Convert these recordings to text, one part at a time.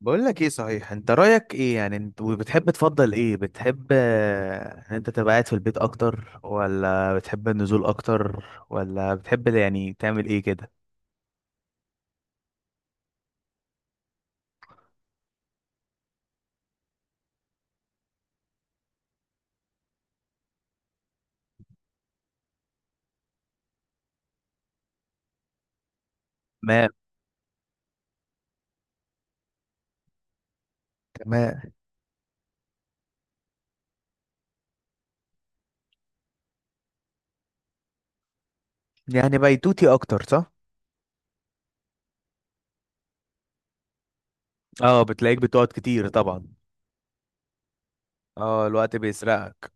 بقول لك ايه؟ صحيح، انت رايك ايه يعني؟ انت وبتحب تفضل ايه؟ بتحب ان انت تبقى قاعد في البيت اكتر، ولا بتحب النزول اكتر، ولا بتحب يعني تعمل ايه كده؟ ما، تمام. يعني بيتوتي اكتر، صح؟ اه، بتلاقيك بتقعد كتير طبعا. اه، الوقت بيسرقك.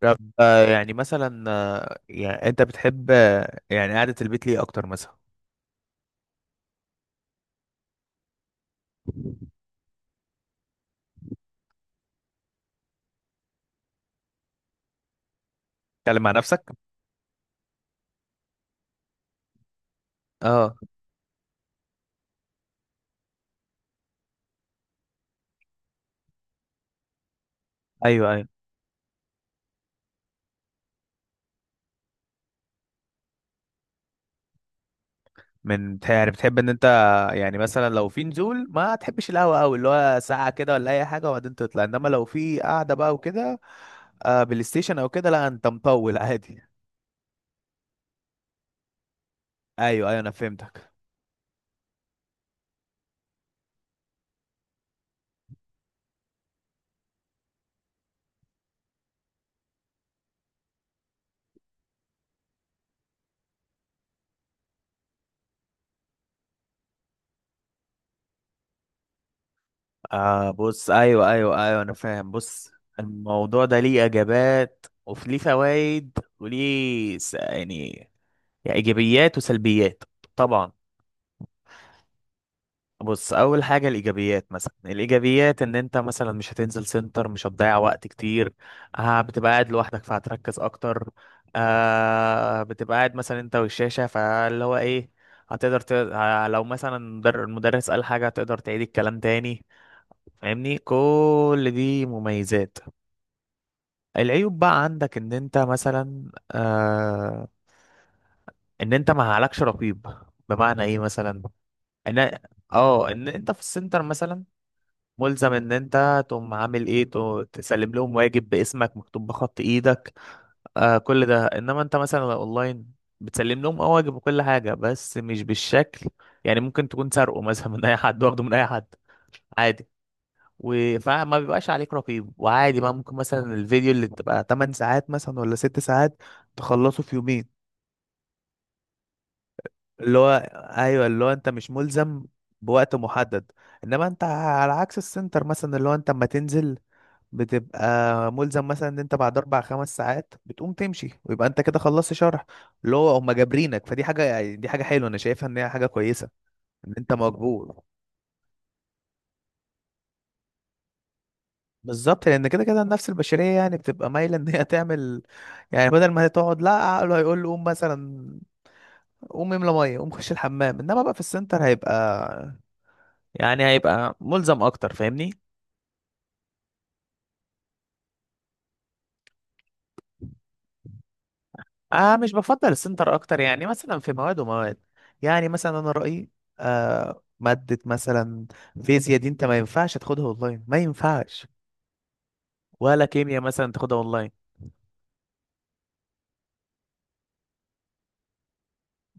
طب، آه، يعني مثلا آه، يعني انت بتحب، يعني، قعدة البيت ليه اكتر مثلا؟ تتكلم مع نفسك؟ اه. ايوه ايوه. يعني بتحب ان انت، يعني مثلا، لو في نزول ما تحبش القهوه قوي، اللي هو ساعه كده ولا اي حاجه وبعدين تطلع، انما لو في قعده بقى وكده، آه، بلاي ستيشن او كده، لا انت مطول عادي. ايوه ايوه، انا فهمتك. آه بص. ايوه ايوه ايوه، انا فاهم. بص، الموضوع ده ليه اجابات وفي ليه فوائد وليه يعني، يعني ايجابيات وسلبيات. طبعا. بص، اول حاجه الايجابيات، مثلا الايجابيات ان انت مثلا مش هتنزل سنتر، مش هتضيع وقت كتير. آه، بتبقى قاعد لوحدك فهتركز اكتر. آه، بتبقى قاعد مثلا انت والشاشه، فاللي هو ايه، هتقدر ت... آه، لو مثلا المدرس قال حاجه هتقدر تعيد الكلام تاني. فاهمني؟ كل دي مميزات. العيوب بقى عندك ان انت مثلا آه، ان انت ما عليكش رقيب. بمعنى ايه مثلا؟ ان، اه، ان انت في السنتر مثلا ملزم ان انت تقوم عامل ايه، تسلم لهم واجب باسمك مكتوب بخط ايدك، آه، كل ده. انما انت مثلا لو اونلاين بتسلم لهم اه واجب وكل حاجه، بس مش بالشكل، يعني ممكن تكون سارقه مثلا من اي حد، واخده من اي حد، عادي. فما بيبقاش عليك رقيب، وعادي بقى ممكن مثلا الفيديو اللي تبقى 8 ساعات مثلا ولا 6 ساعات تخلصه في يومين. اللي هو، ايوه، اللي هو انت مش ملزم بوقت محدد، انما انت على عكس السنتر مثلا، اللي هو انت اما تنزل بتبقى ملزم مثلا ان انت بعد اربع خمس ساعات بتقوم تمشي ويبقى انت كده خلصت شرح، اللي هو هم جابرينك، فدي حاجه، يعني دي حاجه حلوه، انا شايفها ان هي حاجه كويسه، ان انت مجبور. بالظبط، لان كده كده النفس البشريه يعني بتبقى مايله ان هي تعمل، يعني بدل ما هي تقعد، لا عقله هيقول له قوم مثلا، قوم املى ميه، قوم خش الحمام، انما بقى في السنتر هيبقى يعني هيبقى ملزم اكتر. فاهمني؟ اه، مش بفضل السنتر اكتر، يعني مثلا في مواد ومواد. يعني مثلا انا رايي، آه، ماده مثلا فيزياء دي انت ما ينفعش تاخدها اونلاين، ما ينفعش. ولا كيمياء مثلا تاخدها اونلاين.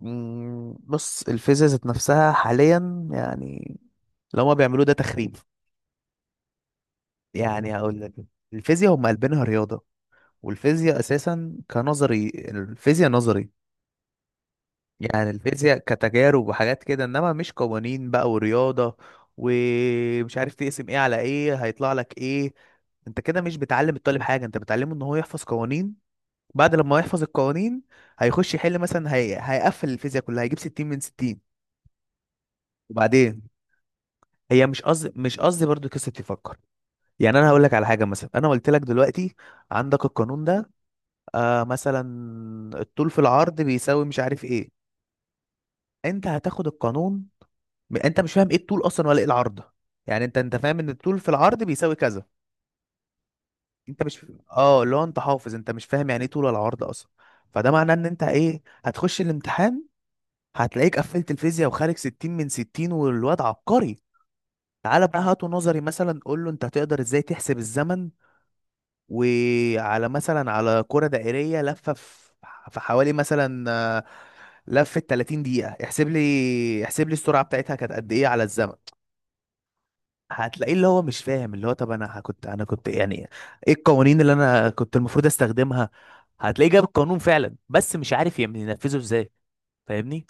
مم، بص، الفيزياء ذات نفسها حاليا، يعني اللي هما بيعملوه ده تخريب. يعني هقول لك، الفيزياء هم قلبينها رياضه، والفيزياء اساسا كنظري، الفيزياء نظري، يعني الفيزياء كتجارب وحاجات كده، انما مش قوانين بقى ورياضة، ومش عارف تقسم ايه على ايه هيطلع لك ايه. انت كده مش بتعلم الطالب حاجة، انت بتعلمه ان هو يحفظ قوانين. بعد لما يحفظ القوانين هيخش يحل مثلا، هيقفل الفيزياء كلها، هيجيب 60 من 60. وبعدين، هي مش قصدي، مش قصدي برضو قصة تفكر. يعني انا هقول لك على حاجة مثلا، انا قلت لك دلوقتي عندك القانون ده، آه مثلا الطول في العرض بيساوي مش عارف ايه. انت هتاخد القانون، انت مش فاهم ايه الطول اصلا ولا ايه العرض، يعني انت فاهم ان الطول في العرض بيساوي كذا. انت مش، اه، اللي هو انت حافظ، انت مش فاهم يعني ايه طول ولا عرض اصلا. فده معناه ان انت ايه، هتخش الامتحان هتلاقيك قفلت الفيزياء وخارج 60 من 60 والواد عبقري. تعالى بقى هاته نظري مثلا، قول له انت هتقدر ازاي تحسب الزمن وعلى، مثلا، على كرة دائرية لفة في في حوالي مثلا، لفة 30 دقيقة. احسب لي، احسب لي السرعة بتاعتها كانت قد ايه على الزمن؟ هتلاقيه اللي هو مش فاهم، اللي هو طب انا كنت، انا كنت يعني ايه القوانين اللي انا كنت المفروض استخدمها. هتلاقيه جاب القانون فعلا، بس مش عارف ينفذه ازاي. فاهمني؟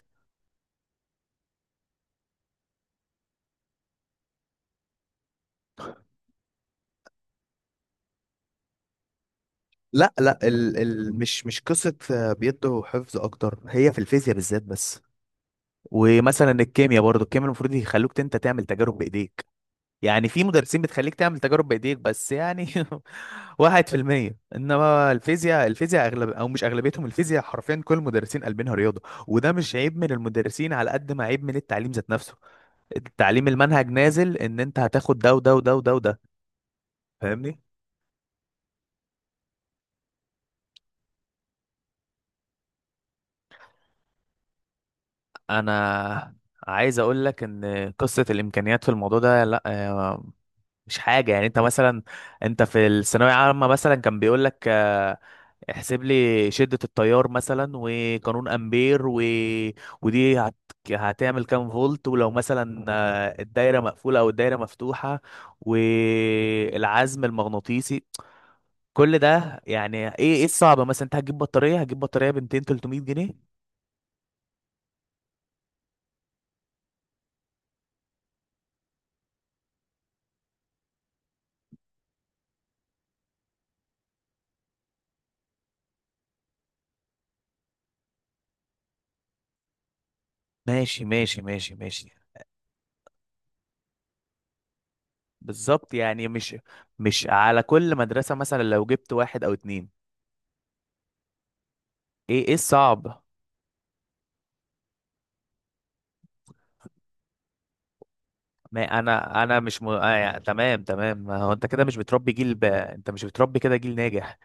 لا لا، ال ال مش قصة، بيدوا حفظ أكتر، هي في الفيزياء بالذات بس. ومثلا الكيمياء برضو، الكيمياء المفروض يخلوك انت تعمل تجارب بايديك. يعني في مدرسين بتخليك تعمل تجارب بايديك، بس يعني واحد في المية. انما الفيزياء، الفيزياء اغلب او مش اغلبيتهم، الفيزياء حرفيا كل المدرسين قلبينها رياضة. وده مش عيب من المدرسين على قد ما عيب من التعليم ذات نفسه. التعليم المنهج نازل ان انت هتاخد ده وده وده وده وده. فاهمني؟ انا عايز اقول لك ان قصة الامكانيات في الموضوع ده، لا، مش حاجة. يعني انت مثلا، انت في الثانوية عامة مثلا كان بيقول لك احسب لي شدة التيار مثلا، وقانون امبير، ودي هت... هتعمل كام فولت، ولو مثلا، الدايرة مقفولة او الدايرة مفتوحة، والعزم المغناطيسي، كل ده. يعني ايه، ايه الصعب مثلا؟ انت هتجيب بطارية، هتجيب بطارية ب 200 300 جنيه. ماشي ماشي ماشي ماشي. بالظبط، يعني مش على كل مدرسة، مثلا لو جبت واحد او اتنين. ايه، ايه الصعب؟ ما انا، انا مش م... آه يعني تمام تمام، ما هو انت كده مش بتربي جيل انت مش بتربي كده جيل ناجح،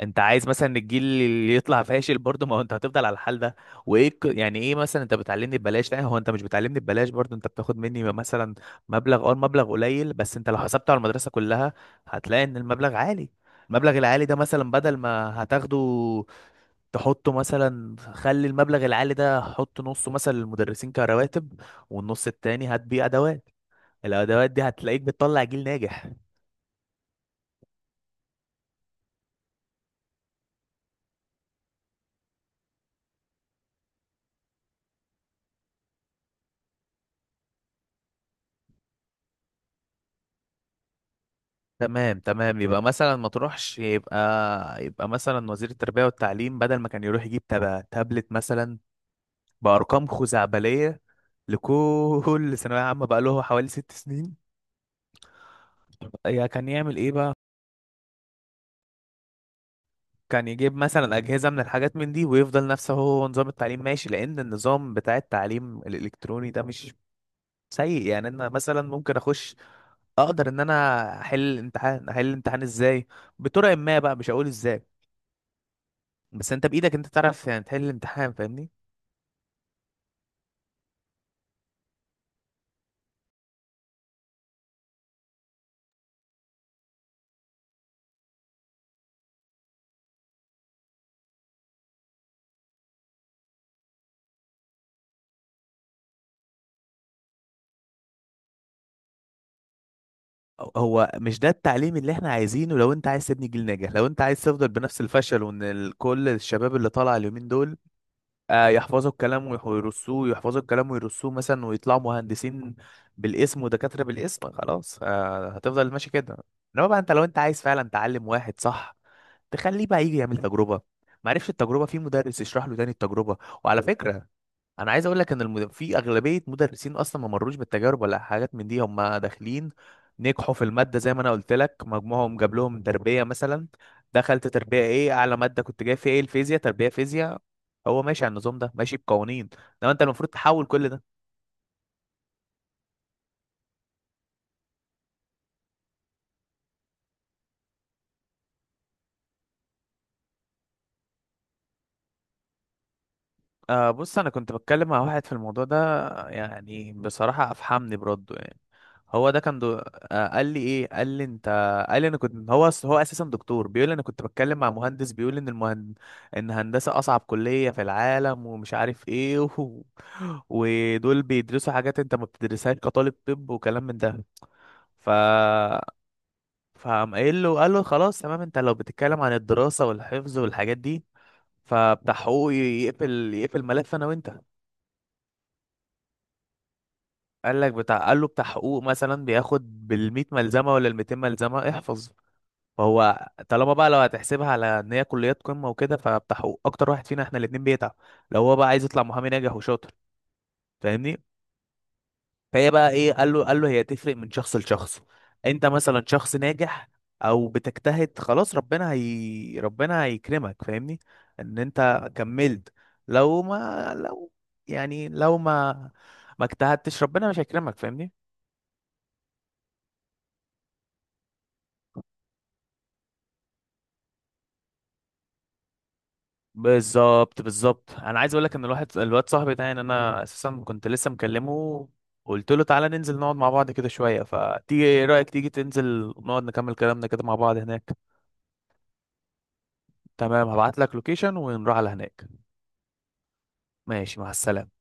انت عايز مثلا الجيل اللي يطلع فاشل برضه. ما هو انت هتفضل على الحال ده، وايه يعني ايه، مثلا انت بتعلمني ببلاش، لا هو انت مش بتعلمني ببلاش برضه، انت بتاخد مني مثلا مبلغ، اه المبلغ قليل، بس انت لو حسبته على المدرسة كلها هتلاقي ان المبلغ عالي. المبلغ العالي ده مثلا، بدل ما هتاخده تحطه مثلا، خلي المبلغ العالي ده، حط نصه مثلا للمدرسين كرواتب، والنص التاني هات بيه ادوات. الادوات دي هتلاقيك بتطلع جيل ناجح. تمام تمام، يبقى مثلا ما تروحش، يبقى يبقى مثلا وزير التربية والتعليم بدل ما كان يروح يجيب تابلت مثلا بأرقام خزعبلية لكل ثانوية عامة، بقى له حوالي ست سنين، يا كان يعمل ايه بقى؟ كان يجيب مثلا أجهزة من الحاجات من دي ويفضل نفسه، هو نظام التعليم ماشي، لأن النظام بتاع التعليم الإلكتروني ده مش سيء. يعني انا مثلا ممكن اخش، اقدر ان انا احل امتحان. احل الامتحان ازاي؟ بطرق ما، بقى مش هقول ازاي، بس انت بايدك انت تعرف يعني تحل الامتحان. فاهمني؟ هو مش ده التعليم اللي احنا عايزينه. لو انت عايز تبني جيل ناجح، لو انت عايز تفضل بنفس الفشل، وان كل الشباب اللي طالع اليومين دول، يحفظوا الكلام ويرصوه، يحفظوا الكلام ويرصوه مثلا ويطلعوا مهندسين بالاسم ودكاترة بالاسم، خلاص، هتفضل ماشي كده. انما بقى انت لو انت عايز فعلا تعلم واحد صح، تخليه بقى يجي يعمل تجربة، معرفش التجربة، في مدرس يشرح له تاني التجربة. وعلى فكرة، انا عايز اقول لك ان في اغلبيه مدرسين اصلا ما مرروش بالتجارب ولا حاجات من دي، هم داخلين نجحوا في الماده زي ما انا قلت لك، مجموعهم جاب لهم تربيه مثلا، دخلت تربيه ايه؟ اعلى ماده كنت جاي فيها ايه؟ الفيزياء، تربيه فيزياء. هو ماشي على النظام ده، ماشي بقوانين، انما انت المفروض تحول كل ده. آه بص، انا كنت بتكلم مع واحد في الموضوع ده، يعني بصراحة افحمني برده يعني. هو ده كان دو... آه قال لي ايه، قال لي انت، قال لي انا كنت هو هو اساسا دكتور بيقول لي انا كنت بتكلم مع مهندس بيقول ان ان هندسة اصعب كلية في العالم، ومش عارف ايه ودول بيدرسوا حاجات انت ما بتدرسهاش كطالب طب، وكلام من ده. ف فقام قايل له، قال له خلاص تمام، انت لو بتتكلم عن الدراسة والحفظ والحاجات دي، فبتاع حقوق يقفل ملف انا وانت. قال لك بتاع، قال له بتاع حقوق مثلا بياخد بالمية ملزمة ولا الميتين ملزمة احفظ. فهو طالما بقى لو هتحسبها على ان هي كليات قمة وكده، فبتاع حقوق اكتر واحد فينا احنا الاتنين بيتعب، لو هو بقى عايز يطلع محامي ناجح وشاطر. فاهمني؟ فهي بقى ايه، قال له، قال له هي تفرق من شخص لشخص، انت مثلا شخص ناجح او بتجتهد، خلاص ربنا، هي ربنا هيكرمك، فاهمني؟ ان انت كملت. لو ما لو لو ما اجتهدتش ربنا مش هيكرمك. فاهمني؟ بالظبط بالظبط، انا عايز اقول لك ان الواحد الواد صاحبي ده، يعني انا اساسا كنت لسه مكلمه، قلت له تعالى ننزل نقعد مع بعض كده شويه. فتيجي، ايه رايك تيجي تنزل نقعد نكمل كلامنا كده مع بعض هناك؟ تمام، هبعت لك لوكيشن ونروح على هناك. ماشي، مع السلامه.